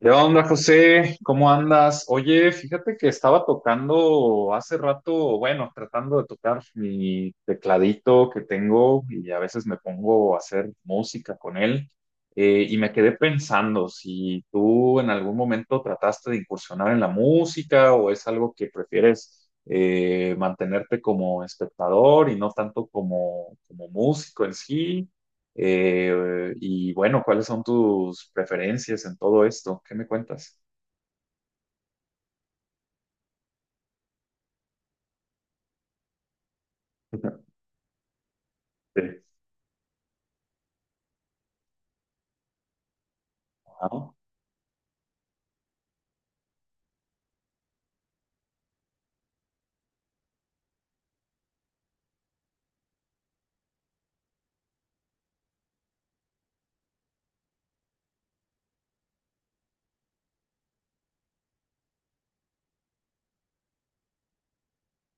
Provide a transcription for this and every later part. ¿Qué onda, José? ¿Cómo andas? Oye, fíjate que estaba tocando hace rato, bueno, tratando de tocar mi tecladito que tengo y a veces me pongo a hacer música con él. Y me quedé pensando si tú en algún momento trataste de incursionar en la música o es algo que prefieres mantenerte como espectador y no tanto como, como músico en sí. Y bueno, ¿cuáles son tus preferencias en todo esto? ¿Qué me cuentas? Sí. Ajá,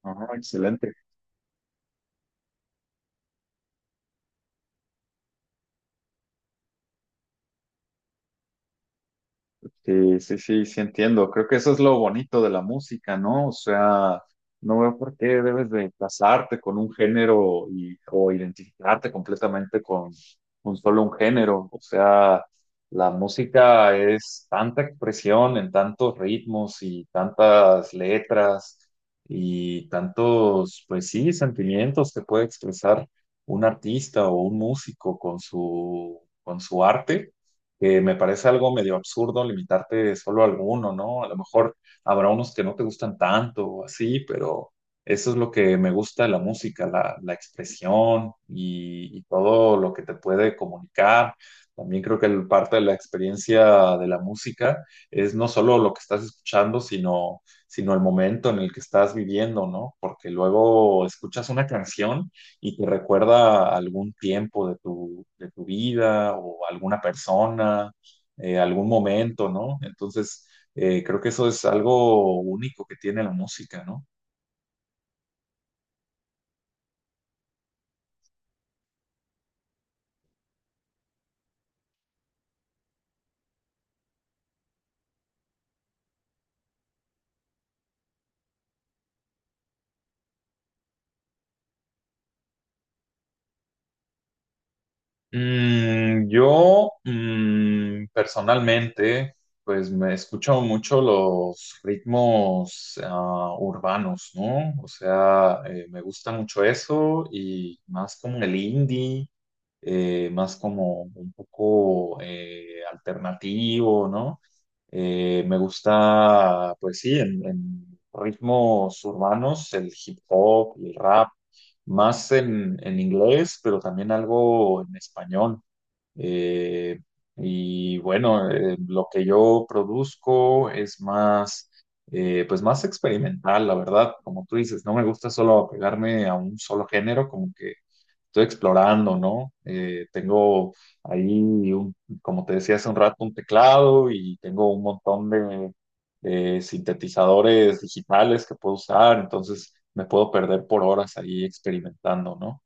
ajá, excelente. Sí, sí, sí, sí entiendo. Creo que eso es lo bonito de la música, ¿no? O sea, no veo por qué debes de casarte con un género y, o identificarte completamente con solo un género. O sea, la música es tanta expresión en tantos ritmos y tantas letras y tantos, pues sí, sentimientos que puede expresar un artista o un músico con su arte, que me parece algo medio absurdo limitarte solo a alguno, ¿no? A lo mejor habrá unos que no te gustan tanto o así, pero eso es lo que me gusta de la música, la expresión y todo lo que te puede comunicar. También creo que parte de la experiencia de la música es no solo lo que estás escuchando, sino, sino el momento en el que estás viviendo, ¿no? Porque luego escuchas una canción y te recuerda algún tiempo de tu vida o alguna persona, algún momento, ¿no? Entonces, creo que eso es algo único que tiene la música, ¿no? Yo personalmente, pues me escucho mucho los ritmos urbanos, ¿no? O sea, me gusta mucho eso y más como el indie, más como un poco alternativo, ¿no? Me gusta, pues sí, en ritmos urbanos, el hip hop y el rap más en inglés, pero también algo en español. Eh, lo que yo produzco es más, pues más experimental, la verdad, como tú dices, no me gusta solo apegarme a un solo género, como que estoy explorando, ¿no? Tengo ahí, como te decía hace un rato, un teclado y tengo un montón de sintetizadores digitales que puedo usar, entonces me puedo perder por horas ahí experimentando, ¿no?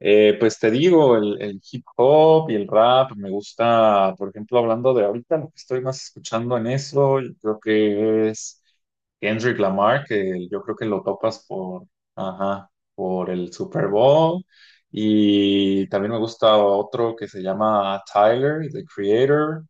Pues te digo, el hip hop y el rap me gusta, por ejemplo, hablando de ahorita, lo que estoy más escuchando en eso, yo creo que es Kendrick Lamar, que yo creo que lo topas por, ajá, por el Super Bowl. Y también me gusta otro que se llama Tyler, The Creator.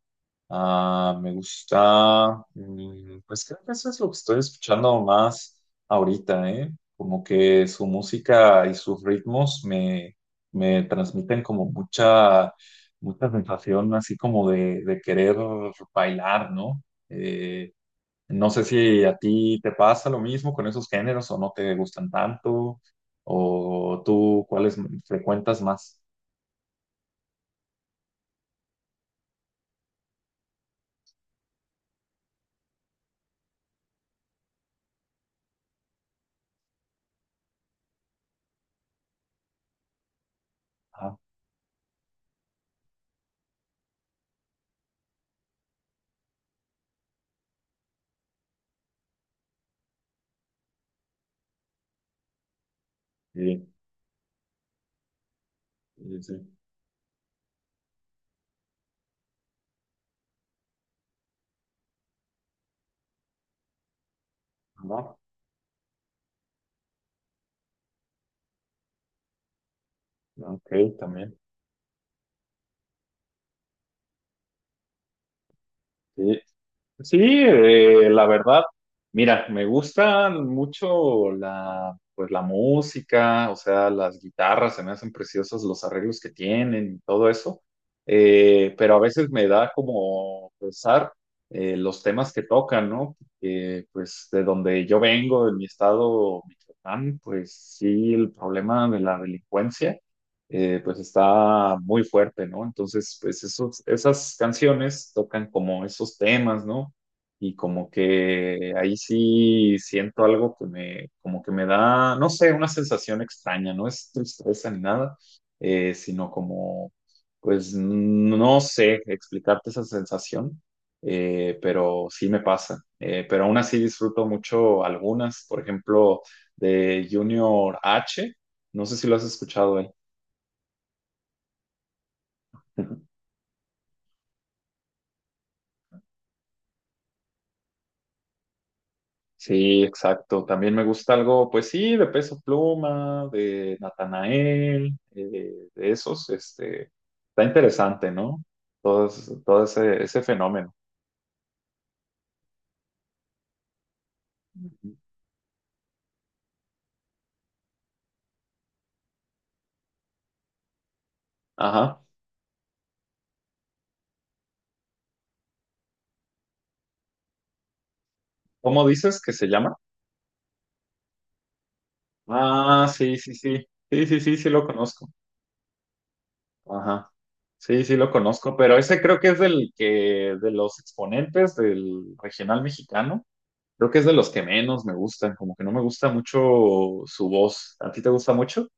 Ah, me gusta, pues creo que eso es lo que estoy escuchando más ahorita, ¿eh? Como que su música y sus ritmos me, me transmiten como mucha, mucha sensación así como de querer bailar, ¿no? Eh, no sé si a ti te pasa lo mismo con esos géneros o no te gustan tanto, o tú cuáles frecuentas más. Ah, sí, sí, sí. Ah, ok, también. Sí, sí, la verdad, mira, me gustan mucho la, pues la música, o sea, las guitarras, se me hacen preciosos los arreglos que tienen y todo eso. Pero a veces me da como pensar los temas que tocan, ¿no? Pues de donde yo vengo, de mi estado, Michoacán, pues sí, el problema de la delincuencia pues está muy fuerte, ¿no? Entonces, pues esos, esas canciones tocan como esos temas, ¿no? Y como que ahí sí siento algo que me, como que me da, no sé, una sensación extraña, no es tristeza ni nada, sino como, pues no sé explicarte esa sensación, pero sí me pasa. Pero aún así disfruto mucho algunas, por ejemplo, de Junior H, no sé si lo has escuchado él. Sí, exacto. También me gusta algo, pues sí, de Peso Pluma, de Natanael, de esos, este, está interesante, ¿no? Todo, todo ese, ese fenómeno. Ujú. Ajá. ¿Cómo dices que se llama? Ah, sí, sí, sí. Sí, sí, sí, sí lo conozco. Ajá. Sí, sí lo conozco, pero ese creo que es del que, de los exponentes del regional mexicano. Creo que es de los que menos me gustan, como que no me gusta mucho su voz. ¿A ti te gusta mucho?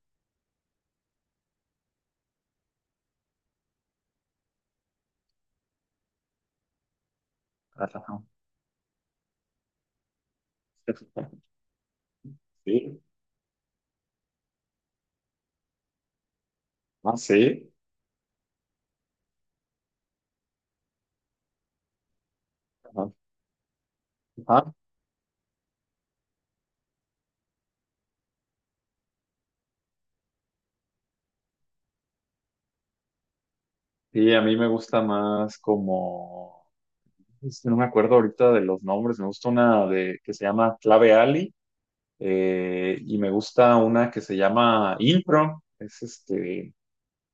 Ajá. Sí, ah, sí, ajá, ajá. Sí, a mí me gusta más como, es que no me acuerdo ahorita de los nombres, me gusta una de que se llama Clave Ali, y me gusta una que se llama Impro, es este,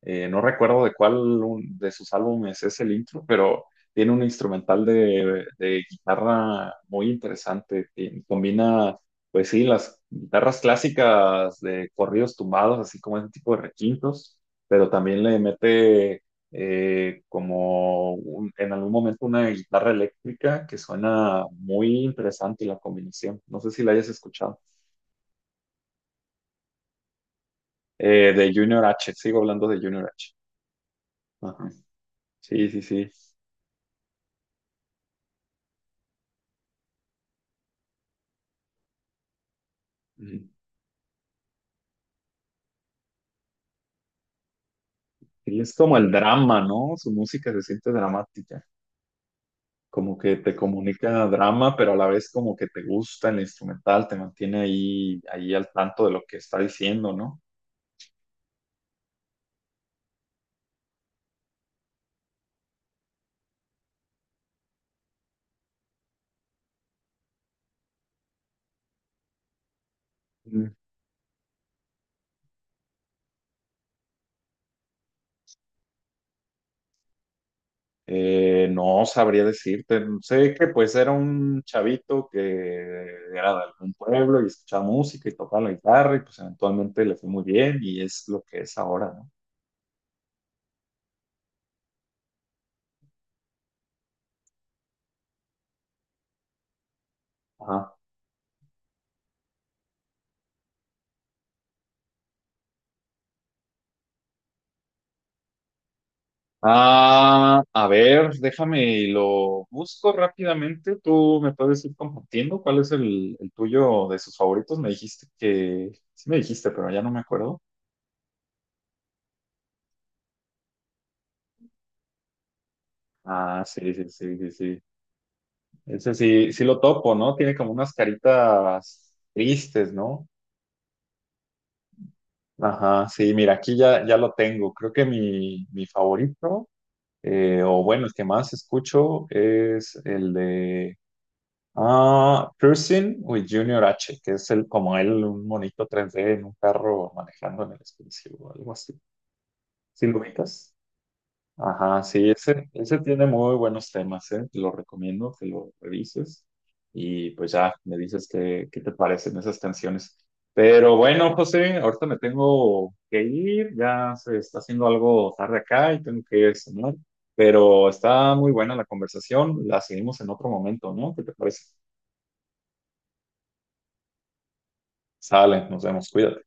No recuerdo de cuál de sus álbumes es el intro, pero tiene un instrumental de guitarra muy interesante, que combina, pues sí, las guitarras clásicas de corridos tumbados, así como ese tipo de requintos, pero también le mete como en algún momento una guitarra eléctrica que suena muy interesante la combinación. No sé si la hayas escuchado. De Junior H, sigo hablando de Junior H. Ajá. Sí, sí, sí. Ujú. Sí, es como el drama, ¿no? Su música se siente dramática, como que te comunica drama, pero a la vez como que te gusta el instrumental, te mantiene ahí, ahí al tanto de lo que está diciendo, ¿no? Mm. No sabría decirte, sé que pues era un chavito que era de algún pueblo y escuchaba música y tocaba la guitarra y pues eventualmente le fue muy bien y es lo que es ahora, ¿no? Ajá. Ah, a ver, déjame y lo busco rápidamente. Tú me puedes ir compartiendo cuál es el tuyo de sus favoritos. Me dijiste que, sí me dijiste, pero ya no me acuerdo. Ah, sí, sí, sí, sí, sí. Ese sí, sí lo topo, ¿no? Tiene como unas caritas tristes, ¿no? Ajá, sí, mira, aquí ya, ya lo tengo. Creo que mi favorito, o bueno, el que más escucho es el de Ah, Cruising with Junior H, que es el, como él, un monito 3D en un carro manejando en el espacio o algo así. ¿Sí lo ubicas? Ajá, sí, ese tiene muy buenos temas, ¿eh? Te lo recomiendo que lo revises y pues ya me dices qué, qué te parecen esas canciones. Pero bueno, José, ahorita me tengo que ir, ya se está haciendo algo tarde acá y tengo que ir a cenar, pero está muy buena la conversación, la seguimos en otro momento, ¿no? ¿Qué te parece? Sale, nos vemos, cuídate.